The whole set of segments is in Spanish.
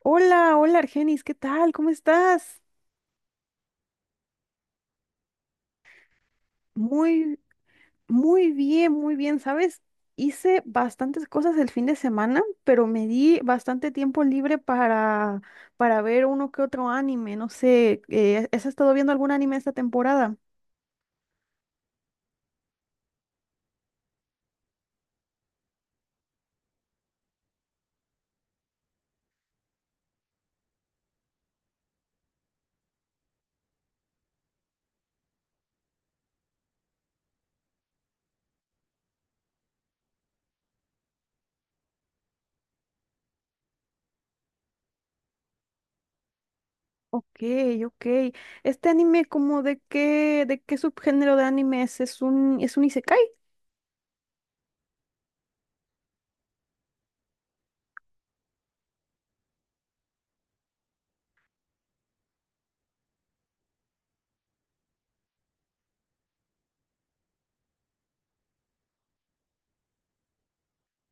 Hola, hola Argenis, ¿qué tal? ¿Cómo estás? Muy, muy bien, ¿sabes? Hice bastantes cosas el fin de semana, pero me di bastante tiempo libre para ver uno que otro anime. No sé, ¿has estado viendo algún anime esta temporada? Ok, ok. ¿Este anime como de qué subgénero de anime es? ¿Es es un isekai?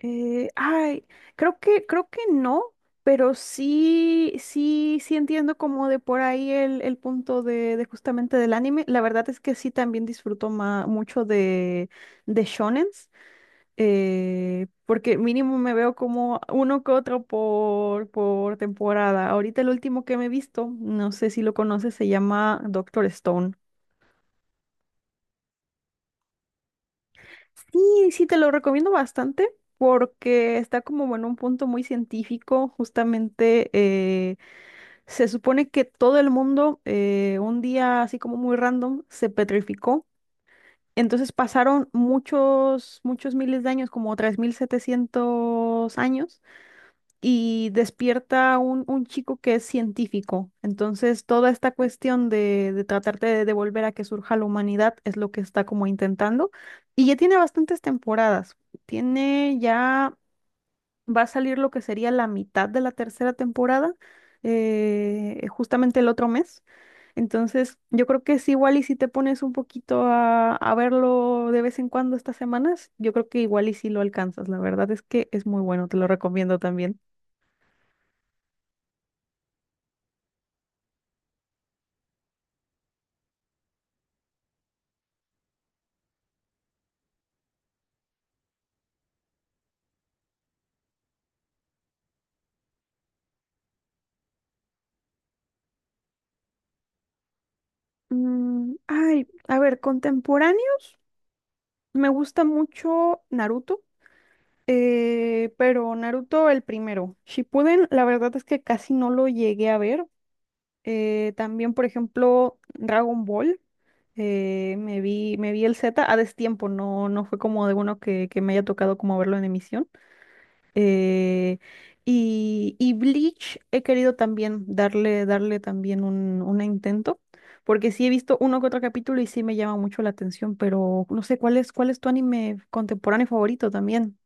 Eh, ay, creo que creo que no, pero sí, sí, sí entiendo como de por ahí el punto de justamente del anime. La verdad es que sí también disfruto mucho de shonens, porque mínimo me veo como uno que otro por temporada. Ahorita el último que me he visto, no sé si lo conoces, se llama Doctor Stone. Sí, sí, te lo recomiendo bastante porque está como, bueno, un punto muy científico. Justamente se supone que todo el mundo un día así como muy random se petrificó. Entonces pasaron muchos, muchos miles de años, como 3700 años y despierta un chico que es científico. Entonces, toda esta cuestión de tratarte de devolver a que surja la humanidad es lo que está como intentando. Y ya tiene bastantes temporadas. Tiene ya, va a salir lo que sería la mitad de la tercera temporada, justamente el otro mes. Entonces, yo creo que es igual y si te pones un poquito a verlo de vez en cuando estas semanas, yo creo que igual y si lo alcanzas. La verdad es que es muy bueno, te lo recomiendo también. A ver, contemporáneo. Me gusta mucho Naruto, pero Naruto el primero. Shippuden, la verdad es que casi no lo llegué a ver. También, por ejemplo, Dragon Ball. Me vi el Z a destiempo, no, no fue como de uno que me haya tocado como verlo en emisión. Eh, y Bleach he querido también darle también un intento, porque sí he visto uno que otro capítulo y sí me llama mucho la atención, pero no sé cuál cuál es tu anime contemporáneo favorito también.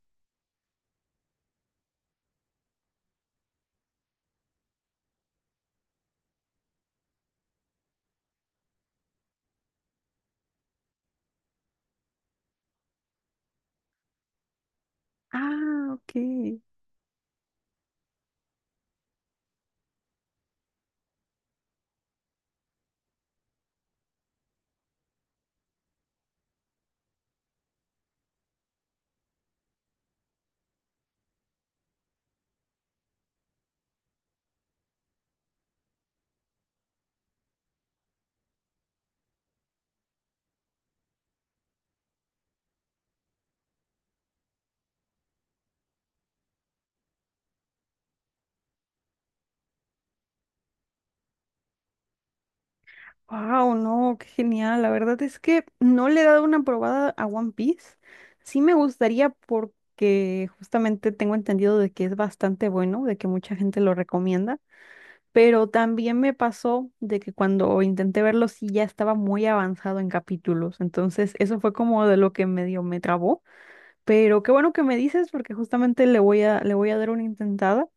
Ah, ok. Wow, no, qué genial. La verdad es que no le he dado una probada a One Piece. Sí me gustaría porque justamente tengo entendido de que es bastante bueno, de que mucha gente lo recomienda. Pero también me pasó de que cuando intenté verlo sí ya estaba muy avanzado en capítulos. Entonces, eso fue como de lo que medio me trabó. Pero qué bueno que me dices porque justamente le voy a le voy a dar una intentada.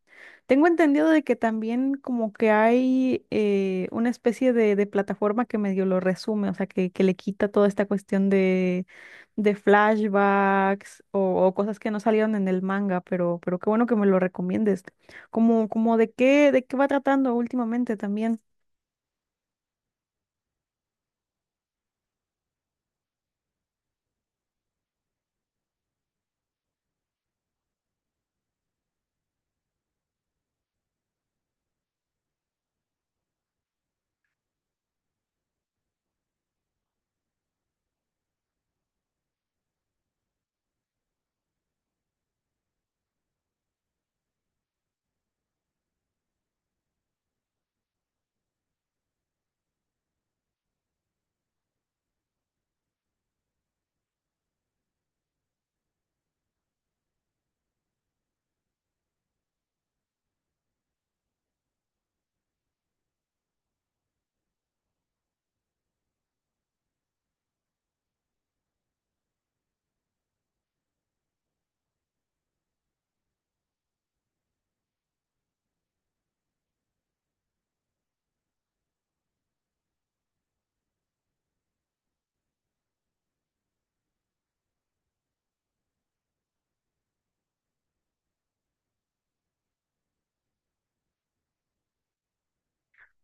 Tengo entendido de que también como que hay una especie de plataforma que medio lo resume, o sea, que le quita toda esta cuestión de flashbacks o cosas que no salieron en el manga, pero qué bueno que me lo recomiendes. Como, como de qué va tratando últimamente también.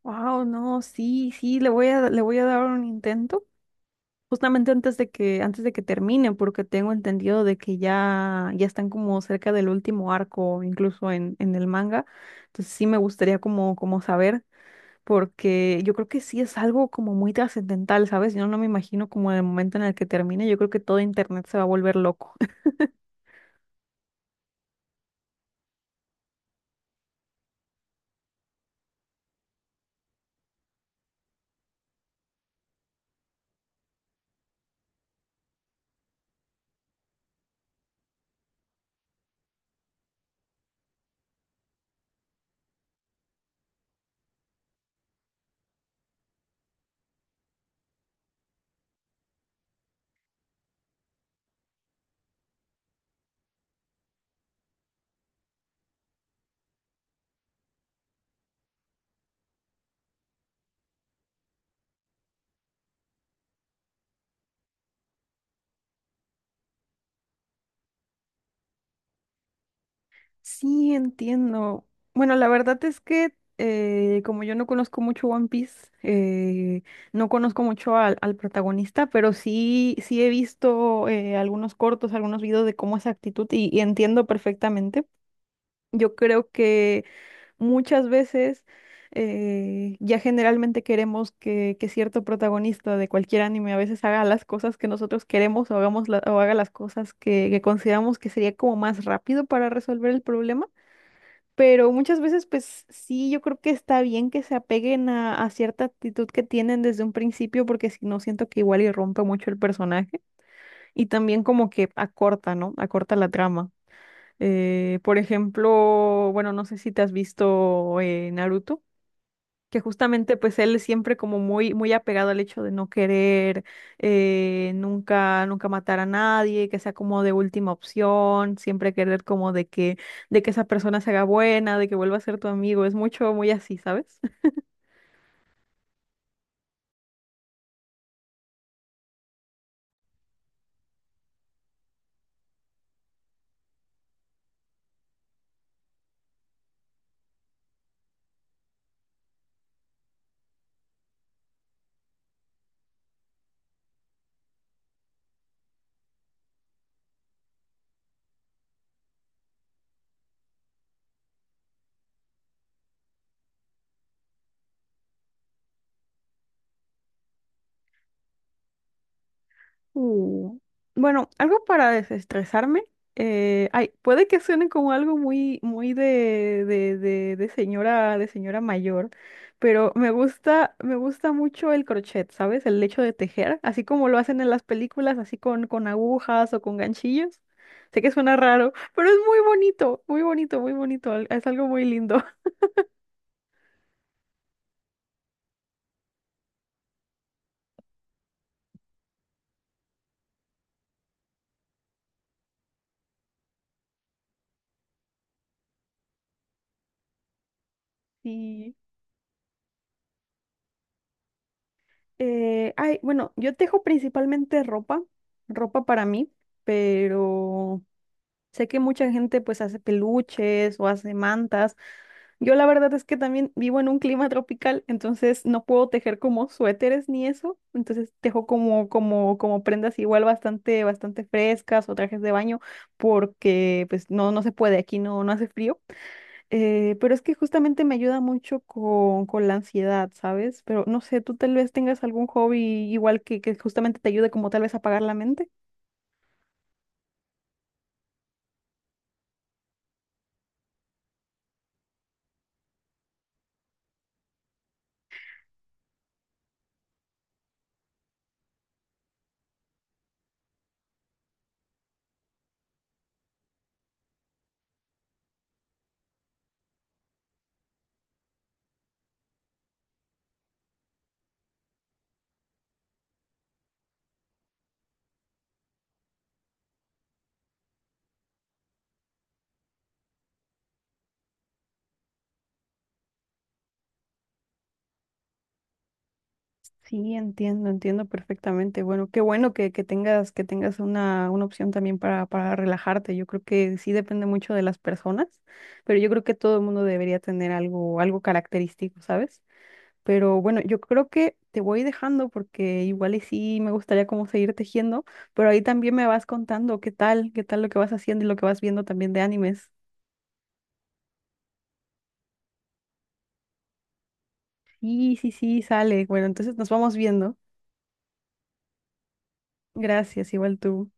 Wow, no, sí, sí, le voy a le voy a dar un intento. Justamente antes antes de que termine, porque tengo entendido de que ya, ya están como cerca del último arco, incluso en el manga. Entonces sí me gustaría como, como saber, porque yo creo que sí es algo como muy trascendental, ¿sabes? Yo no me imagino como el momento en el que termine, yo creo que todo internet se va a volver loco. Sí, entiendo. Bueno, la verdad es que como yo no conozco mucho One Piece, no conozco mucho al protagonista, pero sí, sí he visto algunos cortos, algunos videos de cómo es su actitud y entiendo perfectamente. Yo creo que muchas veces ya generalmente queremos que cierto protagonista de cualquier anime a veces haga las cosas que nosotros queremos o, o haga las cosas que consideramos que sería como más rápido para resolver el problema. Pero muchas veces, pues sí, yo creo que está bien que se apeguen a cierta actitud que tienen desde un principio, porque si no, siento que igual y rompe mucho el personaje y también como que acorta, ¿no? Acorta la trama. Por ejemplo, bueno, no sé si te has visto Naruto, que justamente pues él siempre como muy muy apegado al hecho de no querer nunca nunca matar a nadie, que sea como de última opción, siempre querer como de que esa persona se haga buena, de que vuelva a ser tu amigo, es mucho muy así, ¿sabes? Uh, Bueno, algo para desestresarme. Puede que suene como algo muy, muy de señora mayor, pero me gusta mucho el crochet, ¿sabes? El hecho de tejer, así como lo hacen en las películas, así con agujas o con ganchillos. Sé que suena raro, pero es muy bonito, muy bonito, muy bonito. Es algo muy lindo. Sí. Bueno, yo tejo principalmente ropa, ropa para mí, pero sé que mucha gente pues hace peluches o hace mantas. Yo la verdad es que también vivo en un clima tropical, entonces no puedo tejer como suéteres ni eso. Entonces tejo como, como, como prendas igual bastante, bastante frescas o trajes de baño porque pues no, no se puede, aquí no, no hace frío. Pero es que justamente me ayuda mucho con la ansiedad, ¿sabes? Pero no sé, tú tal vez tengas algún hobby igual que justamente te ayude como tal vez a apagar la mente. Sí, entiendo, entiendo perfectamente. Bueno, qué bueno que tengas una opción también para relajarte. Yo creo que sí depende mucho de las personas, pero yo creo que todo el mundo debería tener algo, algo característico, ¿sabes? Pero bueno, yo creo que te voy dejando porque igual y sí me gustaría como seguir tejiendo, pero ahí también me vas contando qué tal lo que vas haciendo y lo que vas viendo también de animes. Sí, sí, sí, sale. Bueno, entonces nos vamos viendo. Gracias, igual tú.